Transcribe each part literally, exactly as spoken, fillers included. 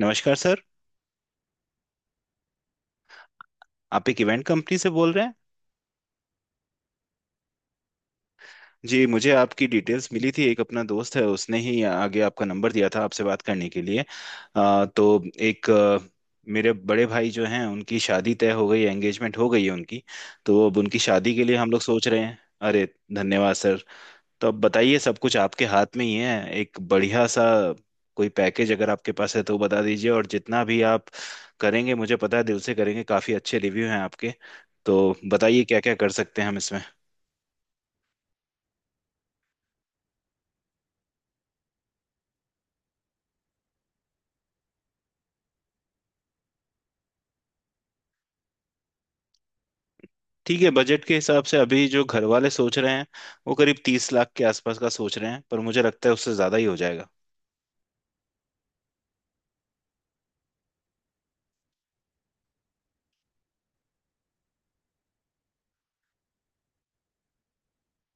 नमस्कार सर। आप एक इवेंट कंपनी से बोल रहे हैं। जी, मुझे आपकी डिटेल्स मिली थी। एक अपना दोस्त है, उसने ही आगे आपका नंबर दिया था आपसे बात करने के लिए। अ, तो एक अ, मेरे बड़े भाई जो हैं उनकी शादी तय हो गई है, एंगेजमेंट हो गई है उनकी। तो अब उनकी शादी के लिए हम लोग सोच रहे हैं। अरे, धन्यवाद सर। तो अब बताइए, सब कुछ आपके हाथ में ही है। एक बढ़िया सा कोई पैकेज अगर आपके पास है तो वो बता दीजिए, और जितना भी आप करेंगे मुझे पता है दिल से करेंगे, काफी अच्छे रिव्यू हैं आपके। तो बताइए क्या क्या कर सकते हैं हम इसमें। ठीक है। बजट के हिसाब से अभी जो घर वाले सोच रहे हैं वो करीब तीस लाख के आसपास का सोच रहे हैं, पर मुझे लगता है उससे ज्यादा ही हो जाएगा।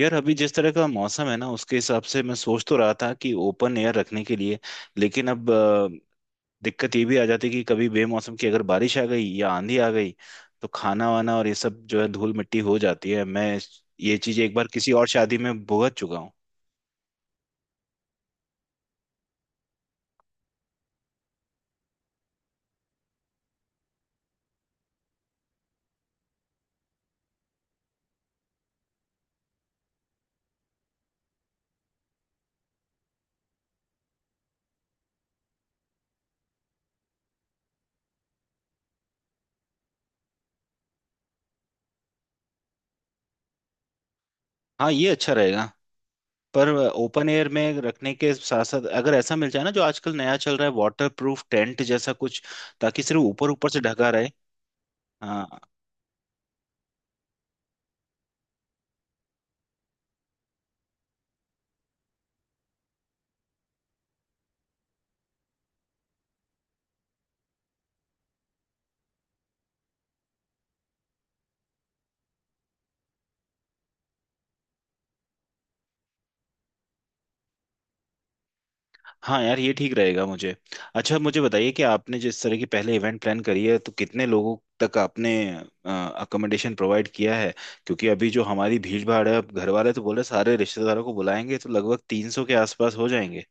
यार, अभी जिस तरह का मौसम है ना, उसके हिसाब से मैं सोच तो रहा था कि ओपन एयर रखने के लिए, लेकिन अब दिक्कत ये भी आ जाती कि कभी बेमौसम की अगर बारिश आ गई या आंधी आ गई तो खाना वाना और ये सब जो है धूल मिट्टी हो जाती है। मैं ये चीज एक बार किसी और शादी में भुगत चुका हूँ। हाँ, ये अच्छा रहेगा। पर ओपन एयर में रखने के साथ साथ अगर ऐसा मिल जाए ना, जो आजकल नया चल रहा है, वाटर प्रूफ टेंट जैसा कुछ, ताकि सिर्फ ऊपर ऊपर से ढका रहे। हाँ, हाँ, यार, ये ठीक रहेगा मुझे। अच्छा, मुझे बताइए कि आपने जिस तरह की पहले इवेंट प्लान करी है तो कितने लोगों तक आपने अकोमोडेशन प्रोवाइड किया है? क्योंकि अभी जो हमारी भीड़ भाड़ है, अब घर वाले तो बोले सारे रिश्तेदारों को बुलाएंगे तो लगभग तीन सौ के आसपास हो जाएंगे।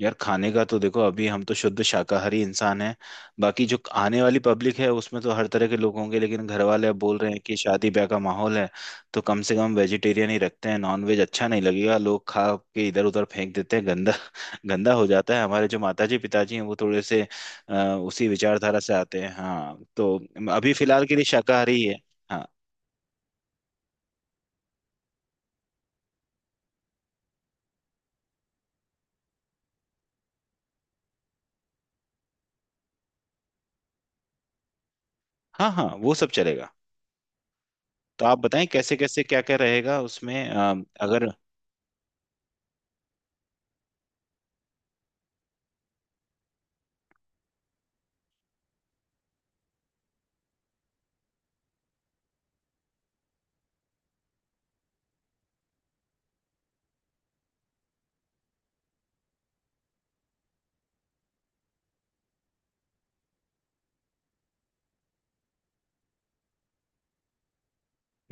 यार, खाने का तो देखो, अभी हम तो शुद्ध शाकाहारी इंसान हैं। बाकी जो आने वाली पब्लिक है उसमें तो हर तरह के लोग होंगे, लेकिन घर वाले अब बोल रहे हैं कि शादी ब्याह का माहौल है, तो कम से कम वेजिटेरियन ही रखते हैं। नॉन वेज अच्छा नहीं लगेगा, लोग खा के इधर उधर फेंक देते हैं, गंदा गंदा हो जाता है। हमारे जो माताजी पिताजी हैं वो थोड़े से अ, उसी विचारधारा से आते हैं। हाँ, तो अभी फिलहाल के लिए शाकाहारी ही है। हाँ, हाँ, हाँ, वो सब चलेगा। तो आप बताएं कैसे कैसे क्या क्या रहेगा उसमें। अ, अगर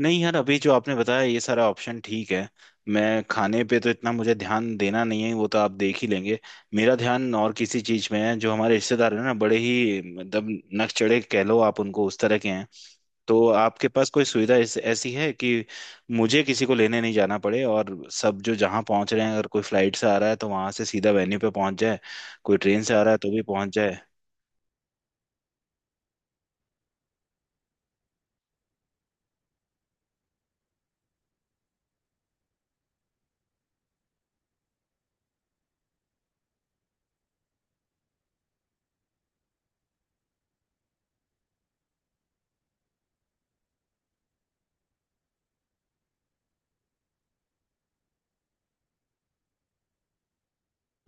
नहीं यार, अभी जो आपने बताया ये सारा ऑप्शन ठीक है। मैं खाने पे तो इतना मुझे ध्यान देना नहीं है, वो तो आप देख ही लेंगे। मेरा ध्यान और किसी चीज में है। जो हमारे रिश्तेदार हैं ना, बड़े ही मतलब नकचढ़े कह लो आप, उनको, उस तरह के हैं। तो आपके पास कोई सुविधा ऐस, ऐसी है कि मुझे किसी को लेने नहीं जाना पड़े, और सब जो जहाँ पहुंच रहे हैं, अगर कोई फ्लाइट से आ रहा है तो वहां से सीधा वेन्यू पे पहुंच जाए, कोई ट्रेन से आ रहा है तो भी पहुंच जाए।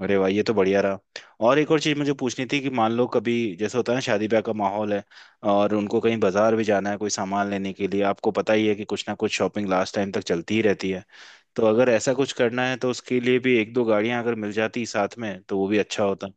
अरे भाई, ये तो बढ़िया रहा। और एक और चीज़ मुझे पूछनी थी कि मान लो कभी, जैसे होता है ना, शादी ब्याह का माहौल है और उनको कहीं बाजार भी जाना है कोई सामान लेने के लिए, आपको पता ही है कि कुछ ना कुछ शॉपिंग लास्ट टाइम तक चलती ही रहती है। तो अगर ऐसा कुछ करना है तो उसके लिए भी एक दो गाड़ियां अगर मिल जाती साथ में तो वो भी अच्छा होता।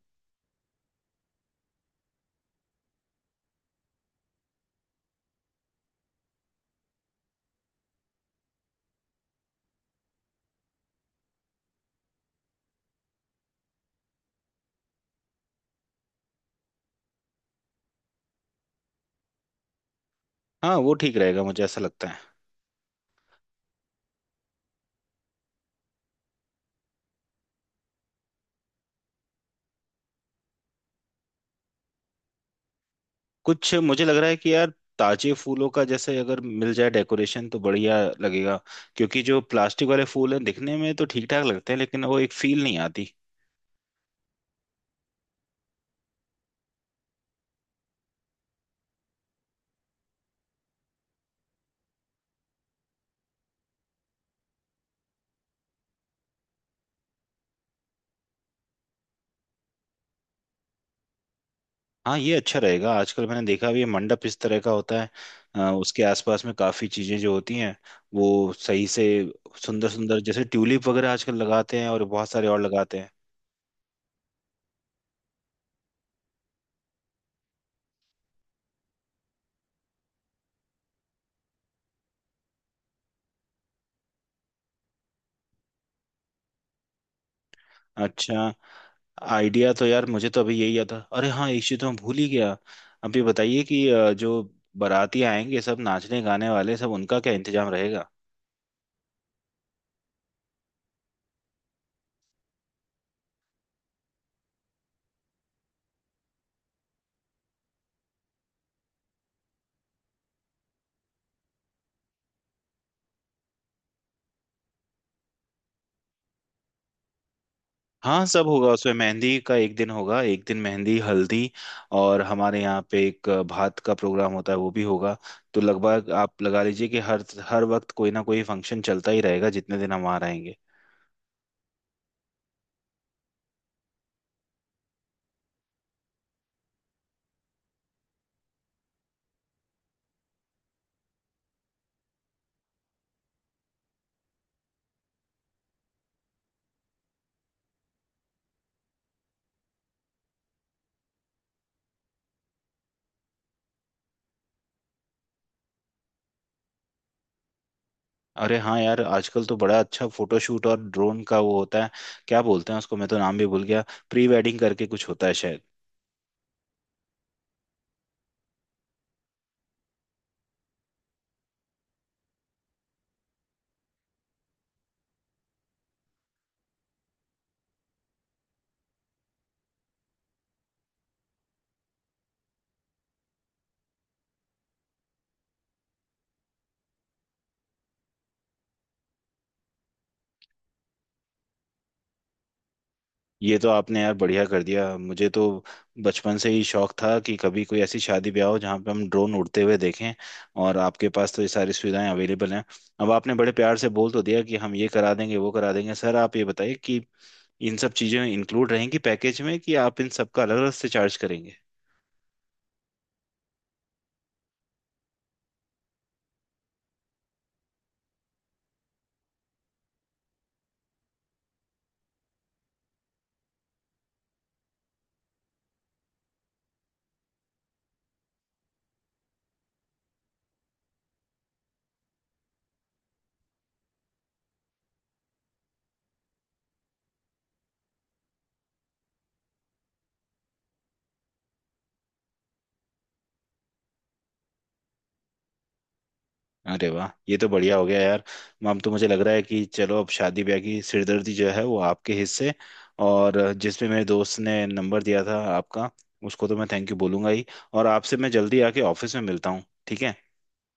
हाँ, वो ठीक रहेगा, मुझे ऐसा लगता है। कुछ मुझे लग रहा है कि यार ताजे फूलों का, जैसे अगर मिल जाए डेकोरेशन तो बढ़िया लगेगा। क्योंकि जो प्लास्टिक वाले फूल हैं दिखने में तो ठीक ठाक लगते हैं, लेकिन वो एक फील नहीं आती। हाँ, ये अच्छा रहेगा। आजकल मैंने देखा भी है मंडप इस तरह का होता है, अ, उसके आसपास में काफी चीजें जो होती हैं वो सही से, सुंदर सुंदर, जैसे ट्यूलिप वगैरह आजकल लगाते हैं और बहुत सारे और लगाते हैं। अच्छा, आइडिया तो यार मुझे तो अभी यही आता। अरे हाँ, एक चीज तो मैं भूल ही गया। अभी बताइए कि अ, जो बाराती आएंगे, सब नाचने गाने वाले, सब उनका क्या इंतजाम रहेगा? हाँ सब होगा, उसमें मेहंदी का एक दिन होगा, एक दिन मेहंदी हल्दी। और हमारे यहाँ पे एक भात का प्रोग्राम होता है वो भी होगा। तो लगभग आप लगा लीजिए कि हर हर वक्त कोई ना कोई फंक्शन चलता ही रहेगा जितने दिन हम वहाँ रहेंगे। अरे हाँ यार, आजकल तो बड़ा अच्छा फोटोशूट और ड्रोन का वो होता है। क्या बोलते हैं उसको, मैं तो नाम भी भूल गया। प्री वेडिंग करके कुछ होता है शायद। ये तो आपने यार बढ़िया कर दिया, मुझे तो बचपन से ही शौक था कि कभी कोई ऐसी शादी ब्याह हो जहाँ पे हम ड्रोन उड़ते हुए देखें, और आपके पास तो ये सारी सुविधाएं अवेलेबल हैं। अब आपने बड़े प्यार से बोल तो दिया कि हम ये करा देंगे वो करा देंगे, सर आप ये बताइए कि इन सब चीज़ें इंक्लूड रहेंगी पैकेज में कि आप इन सब का अलग अलग से चार्ज करेंगे? अरे वाह, ये तो बढ़िया हो गया यार। अब तो मुझे लग रहा है कि चलो, अब शादी ब्याह की सिरदर्दी जो है वो आपके हिस्से। और जिसमें मेरे दोस्त ने नंबर दिया था आपका, उसको तो मैं थैंक यू बोलूंगा ही। और आपसे मैं जल्दी आके ऑफिस में मिलता हूँ, ठीक है।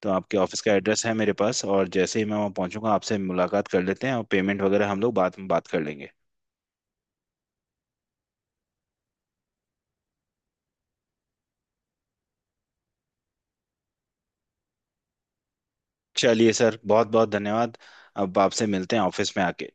तो आपके ऑफिस का एड्रेस है मेरे पास, और जैसे ही मैं वहाँ पहुंचूंगा आपसे मुलाकात कर लेते हैं, और पेमेंट वगैरह हम लोग बाद में बात कर लेंगे। चलिए सर, बहुत बहुत धन्यवाद। अब आपसे मिलते हैं ऑफिस में आके।